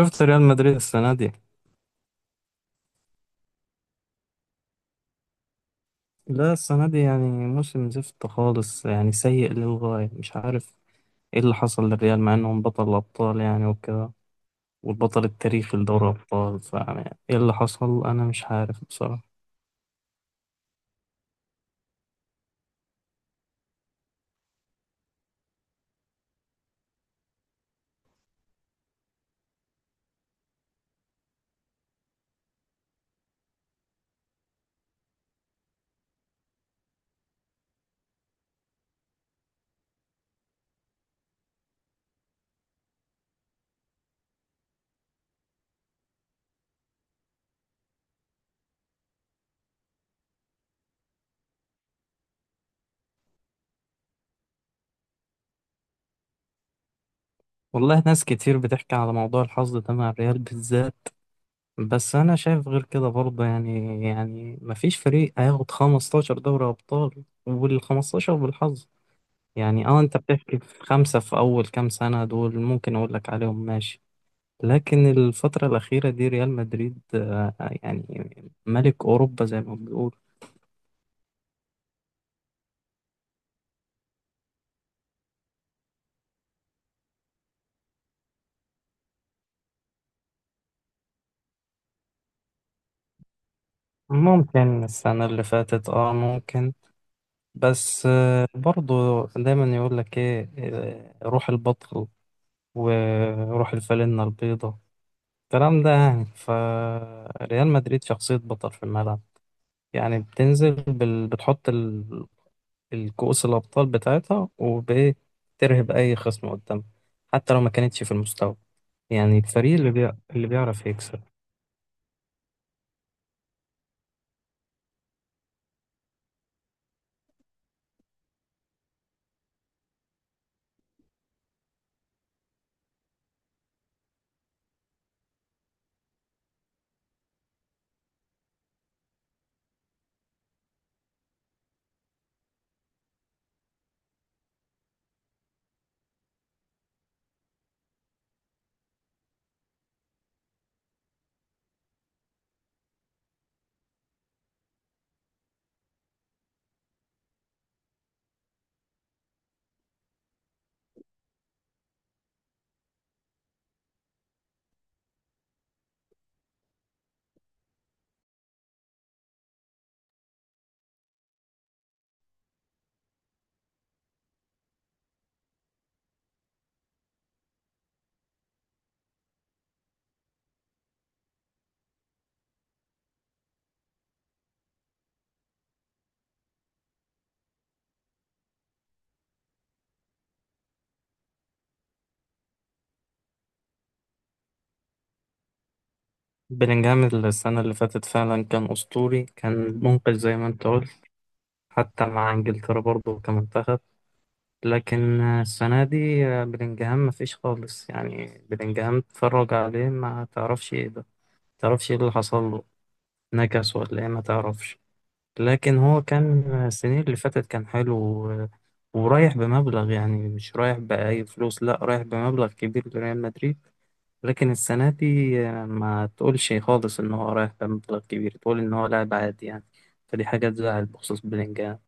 شفت ريال مدريد السنة دي؟ لا، السنة دي يعني موسم زفت خالص، يعني سيء للغاية. مش عارف ايه اللي حصل للريال، مع انهم بطل الأبطال يعني وكده، والبطل التاريخي لدوري الأبطال. فيعني ايه اللي حصل، أنا مش عارف بصراحة. والله ناس كتير بتحكي على موضوع الحظ ده مع الريال بالذات، بس أنا شايف غير كده برضه. يعني مفيش فريق هياخد 15 دوري أبطال وال 15 بالحظ. يعني انت بتحكي في خمسة في أول كام سنة دول، ممكن أقول لك عليهم ماشي. لكن الفترة الأخيرة دي ريال مدريد يعني ملك أوروبا زي ما بنقول. ممكن السنة اللي فاتت ممكن. بس برضو دايما يقول لك ايه، روح البطل وروح الفالنة البيضة، الكلام ده. يعني فريال مدريد شخصية بطل في الملعب، يعني بتنزل بتحط الكؤوس الأبطال بتاعتها، وبترهب أي خصم قدامها حتى لو ما كانتش في المستوى. يعني الفريق اللي بيعرف يكسب. بلينجهام السنة اللي فاتت فعلا كان أسطوري، كان منقذ زي ما أنت قلت، حتى مع إنجلترا برضه كمنتخب. لكن السنة دي بلينجهام مفيش خالص. يعني بلينجهام اتفرج عليه، ما تعرفش إيه ده، ما تعرفش إيه اللي حصل له. نكس ولا إيه؟ ما تعرفش. لكن هو كان، السنين اللي فاتت، كان حلو ورايح بمبلغ، يعني مش رايح بأي فلوس، لا رايح بمبلغ كبير لريال مدريد. لكن السنة دي ما تقولش خالص إن هو رايح بمبلغ كبير، تقول إن هو لاعب عادي يعني. فدي حاجة تزعل بخصوص بلينجهام.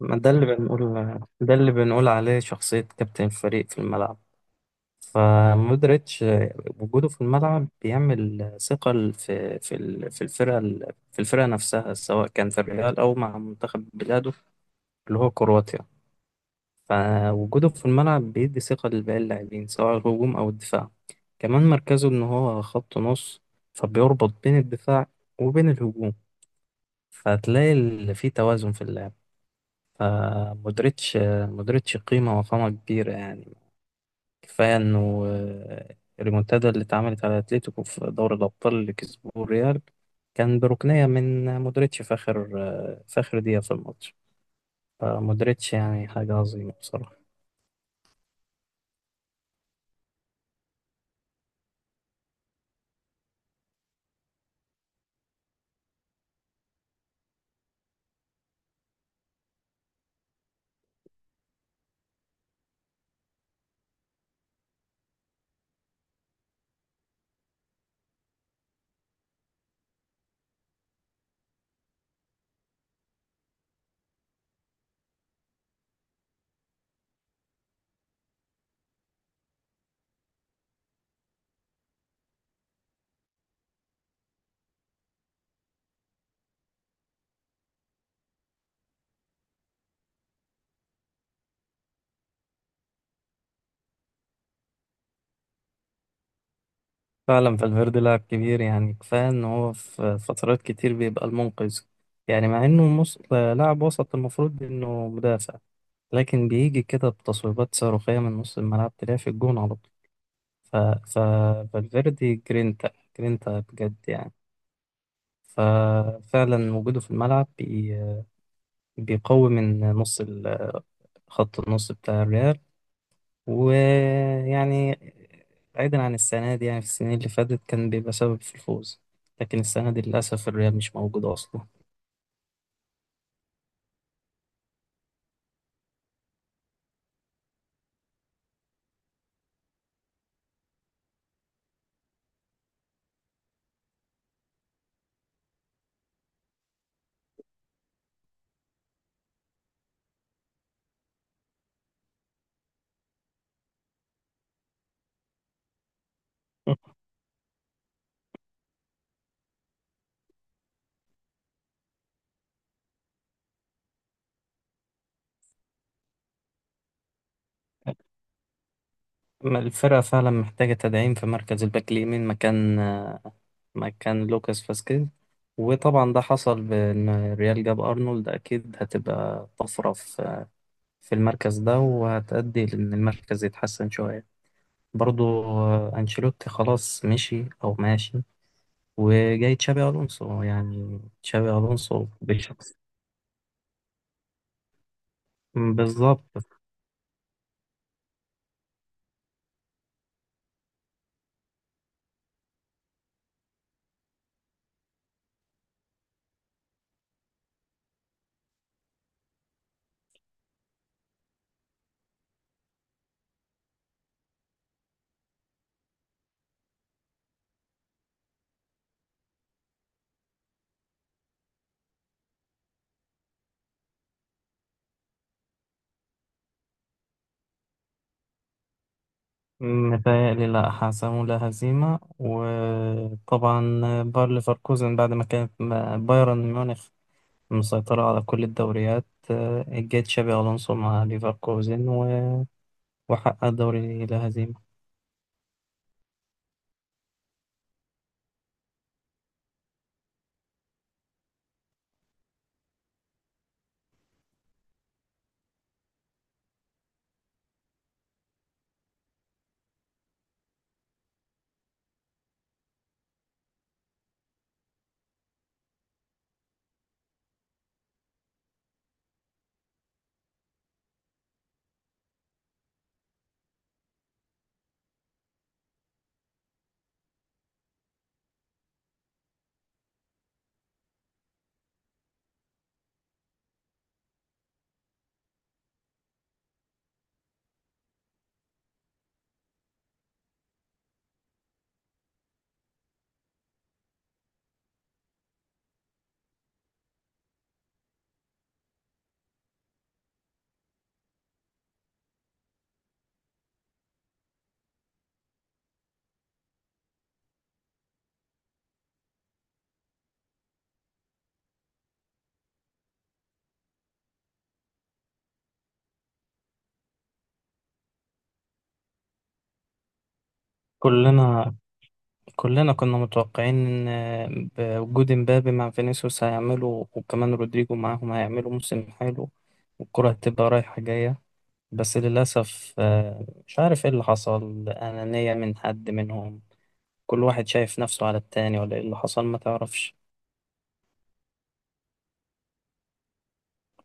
ما ده اللي بنقول، ده اللي بنقول عليه شخصية كابتن الفريق في الملعب. فمودريتش وجوده في الملعب بيعمل ثقل في في الفرقة نفسها، سواء كان في الريال أو مع منتخب بلاده اللي هو كرواتيا. فوجوده في الملعب بيدي ثقة لباقي اللاعبين، سواء الهجوم أو الدفاع. كمان مركزه إن هو خط نص، فبيربط بين الدفاع وبين الهجوم، فتلاقي في توازن في اللعب. فمودريتش مودريتش قيمة وفما كبيرة يعني. كفاية إنه الريمونتادا اللي اتعملت على أتليتيكو في دوري الأبطال اللي كسبوه الريال، كان بركنية من مودريتش في آخر دقيقة في الماتش. فمودريتش يعني حاجة عظيمة بصراحة. فعلا فالفيردي لاعب كبير، يعني كفاية إن هو في فترات كتير بيبقى المنقذ. يعني مع إنه لاعب وسط، المفروض إنه مدافع، لكن بيجي كده بتصويبات صاروخية من نص الملعب، تلاقيه في الجون على طول. ف... ف... فالفيردي جرينتا، جرينتا بجد يعني. ففعلا وجوده في الملعب بيقوي من نص خط النص بتاع الريال. ويعني بعيدا عن السنة دي، يعني في السنين اللي فاتت كان بيبقى سبب في الفوز، لكن السنة دي للأسف الريال مش موجود أصلا. ما الفرقة فعلا محتاجة تدعيم في مركز الباك اليمين، مكان لوكاس فاسكيز. وطبعا ده حصل بإن الريال جاب أرنولد، أكيد هتبقى طفرة في المركز ده، وهتأدي لأن المركز يتحسن شوية. برضو أنشيلوتي خلاص مشي أو ماشي، وجاي تشابي ألونسو. يعني تشابي ألونسو بشخص. بالظبط. متهيألي لا، حسموا لا هزيمة. وطبعا باير ليفركوزن بعد ما كانت بايرن ميونخ مسيطرة على كل الدوريات، جه تشابي ألونسو مع ليفركوزن وحقق الدوري لا هزيمة. كلنا كلنا كنا متوقعين ان بوجود امبابي مع فينيسيوس هيعملوا، وكمان رودريجو معاهم، هيعملوا موسم حلو والكرة هتبقى رايحة جاية. بس للأسف مش عارف ايه اللي حصل، أنانية من حد منهم؟ كل واحد شايف نفسه على التاني ولا ايه اللي حصل، ما تعرفش.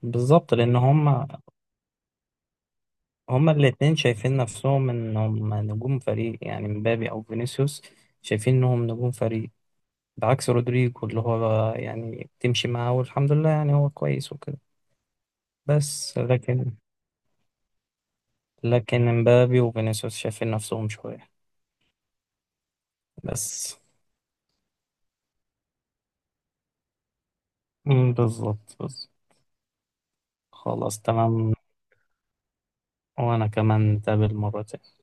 بالظبط، لأن هما الاتنين شايفين نفسهم انهم نجوم فريق، يعني مبابي أو فينيسيوس شايفين انهم نجوم فريق، بعكس رودريجو اللي هو يعني بتمشي معاه والحمد لله، يعني هو كويس وكده. بس لكن امبابي وفينيسيوس شايفين نفسهم شوية بس. مم، بالظبط، بالظبط. خلاص تمام، وأنا كمان نتقابل مرة تانية.